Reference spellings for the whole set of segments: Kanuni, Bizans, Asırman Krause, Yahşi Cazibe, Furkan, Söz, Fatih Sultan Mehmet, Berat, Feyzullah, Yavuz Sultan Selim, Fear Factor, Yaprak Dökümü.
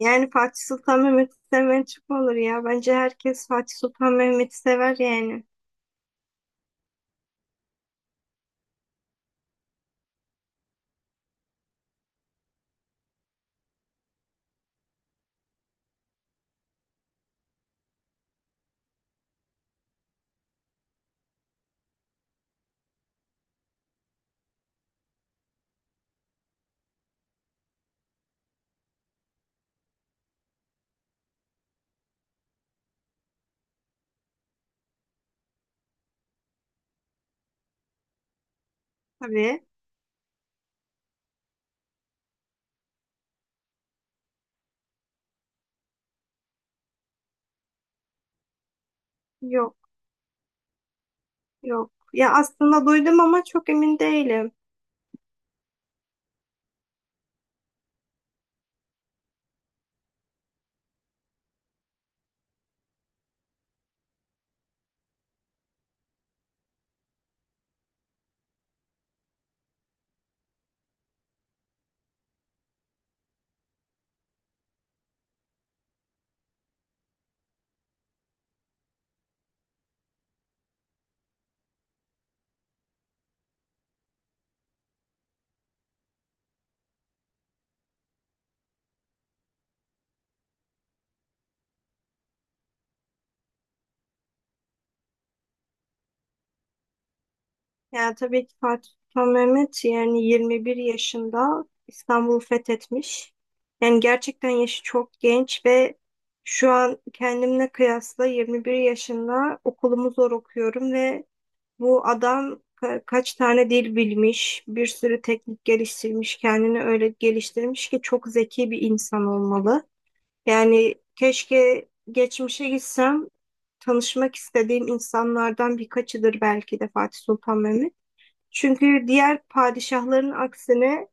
Yani Fatih Sultan Mehmet'i sevmeyen çok mu olur ya. Bence herkes Fatih Sultan Mehmet'i sever yani. Tabii. Yok, yok. Ya aslında duydum ama çok emin değilim. Ya tabii ki Fatih Sultan Mehmet yani 21 yaşında İstanbul'u fethetmiş. Yani gerçekten yaşı çok genç ve şu an kendimle kıyasla 21 yaşında okulumu zor okuyorum ve bu adam kaç tane dil bilmiş, bir sürü teknik geliştirmiş, kendini öyle geliştirmiş ki çok zeki bir insan olmalı. Yani keşke geçmişe gitsem tanışmak istediğim insanlardan birkaçıdır belki de Fatih Sultan Mehmet. Çünkü diğer padişahların aksine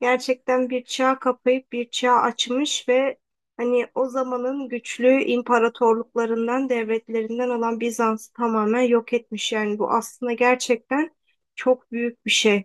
gerçekten bir çağ kapayıp bir çağ açmış ve hani o zamanın güçlü imparatorluklarından, devletlerinden olan Bizans'ı tamamen yok etmiş. Yani bu aslında gerçekten çok büyük bir şey.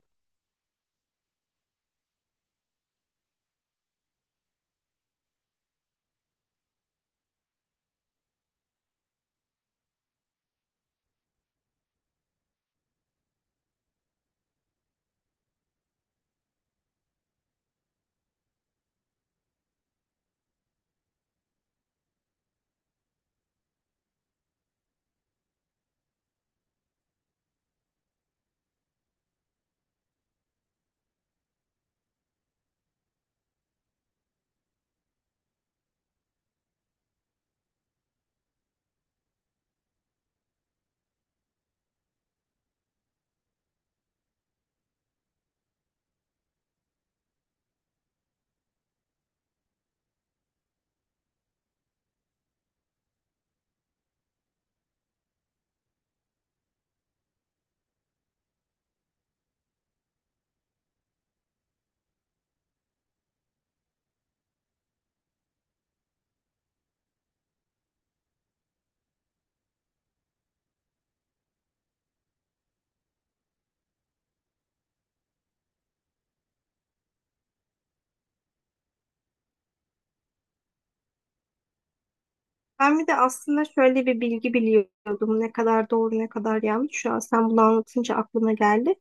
Ben bir de aslında şöyle bir bilgi biliyordum. Ne kadar doğru ne kadar yanlış. Şu an sen bunu anlatınca aklıma geldi.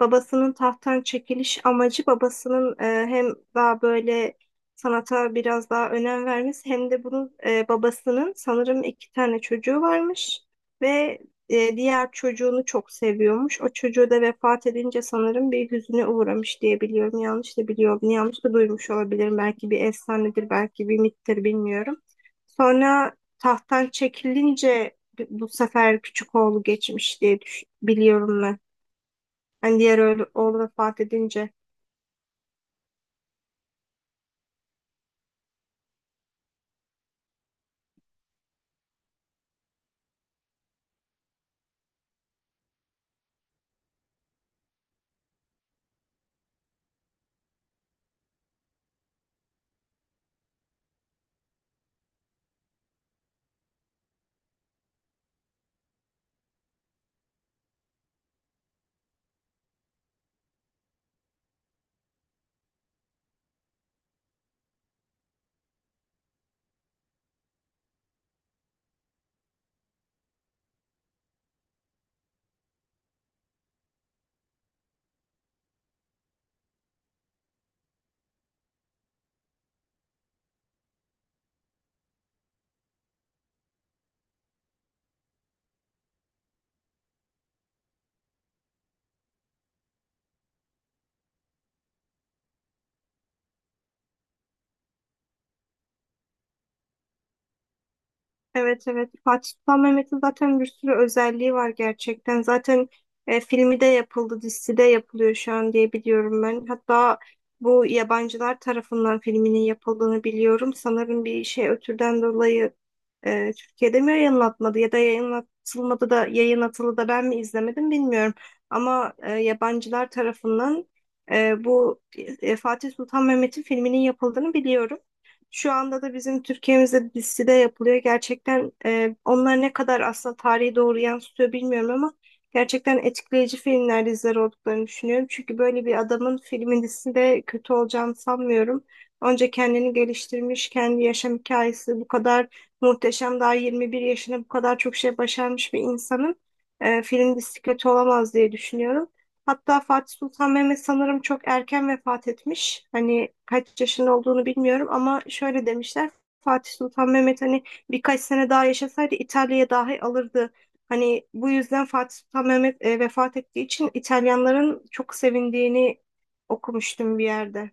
Babasının tahttan çekiliş amacı babasının hem daha böyle sanata biraz daha önem vermesi hem de bunun babasının sanırım iki tane çocuğu varmış ve diğer çocuğunu çok seviyormuş. O çocuğu da vefat edince sanırım bir hüzüne uğramış diye biliyorum. Yanlış da biliyorum. Yanlış da duymuş olabilirim. Belki bir efsanedir, belki bir mittir bilmiyorum. Sonra tahttan çekilince bu sefer küçük oğlu geçmiş diye biliyorum ben. Hani diğer oğlu vefat edince. Evet, evet, Fatih Sultan Mehmet'in zaten bir sürü özelliği var gerçekten. Zaten filmi de yapıldı, dizisi de yapılıyor şu an diye biliyorum ben. Hatta bu yabancılar tarafından filminin yapıldığını biliyorum. Sanırım bir şey ötürden dolayı Türkiye'de mi yayınlatmadı ya da yayınlatılmadı da yayın atılı da ben mi izlemedim bilmiyorum. Ama yabancılar tarafından bu Fatih Sultan Mehmet'in filminin yapıldığını biliyorum. Şu anda da bizim Türkiye'mizde bir dizide yapılıyor. Gerçekten onlar ne kadar aslında tarihi doğru yansıtıyor bilmiyorum ama gerçekten etkileyici filmler, diziler olduklarını düşünüyorum. Çünkü böyle bir adamın filmin dizisinde kötü olacağını sanmıyorum. Önce kendini geliştirmiş, kendi yaşam hikayesi bu kadar muhteşem, daha 21 yaşında bu kadar çok şey başarmış bir insanın film dizisi kötü olamaz diye düşünüyorum. Hatta Fatih Sultan Mehmet sanırım çok erken vefat etmiş. Hani kaç yaşında olduğunu bilmiyorum ama şöyle demişler. Fatih Sultan Mehmet hani birkaç sene daha yaşasaydı İtalya'ya dahi alırdı. Hani bu yüzden Fatih Sultan Mehmet vefat ettiği için İtalyanların çok sevindiğini okumuştum bir yerde.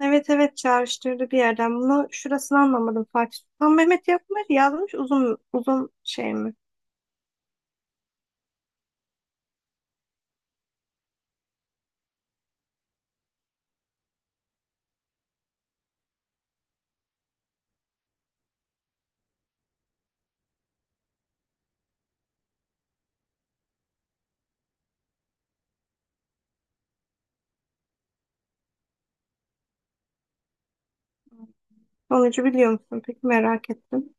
Evet, evet, çağrıştırdı bir yerden. Bunu şurasını anlamadım. Fatih Sultan Mehmet yapmış, yazmış uzun uzun şey mi? Sonucu biliyor musun? Peki merak ettim.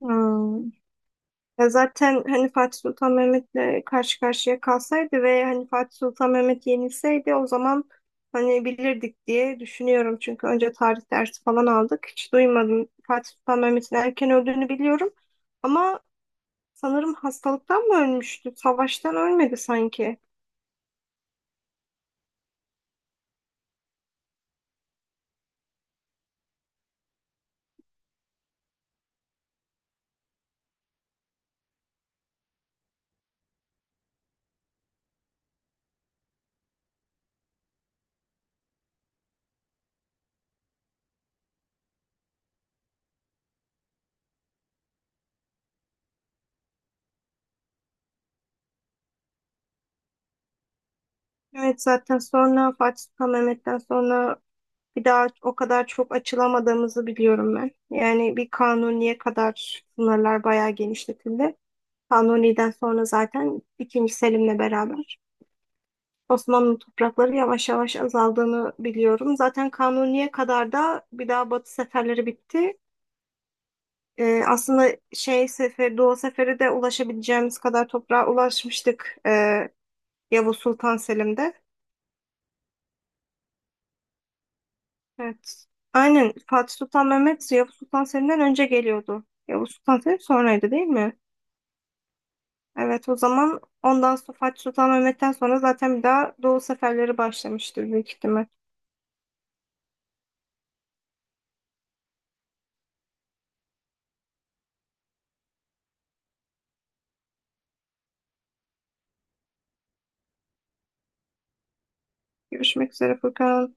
Hmm. Ya zaten hani Fatih Sultan Mehmet'le karşı karşıya kalsaydı ve hani Fatih Sultan Mehmet yenilseydi o zaman hani bilirdik diye düşünüyorum. Çünkü önce tarih dersi falan aldık. Hiç duymadım. Fatih Sultan Mehmet'in erken öldüğünü biliyorum. Ama sanırım hastalıktan mı ölmüştü? Savaştan ölmedi sanki. Evet, zaten sonra Fatih Sultan Mehmet'ten sonra bir daha o kadar çok açılamadığımızı biliyorum ben. Yani bir kanuniye kadar sınırlar bayağı genişletildi. Kanuni'den sonra zaten ikinci Selim'le beraber Osmanlı toprakları yavaş yavaş azaldığını biliyorum. Zaten Kanuni'ye kadar da bir daha Batı seferleri bitti. Aslında şey sefer, Doğu seferi de ulaşabileceğimiz kadar toprağa ulaşmıştık Yavuz Sultan Selim'de. Evet. Aynen Fatih Sultan Mehmet Yavuz Sultan Selim'den önce geliyordu. Yavuz Sultan Selim sonraydı değil mi? Evet, o zaman ondan sonra Fatih Sultan Mehmet'ten sonra zaten bir daha Doğu seferleri başlamıştır büyük ihtimal. Görüşmek üzere Furkan.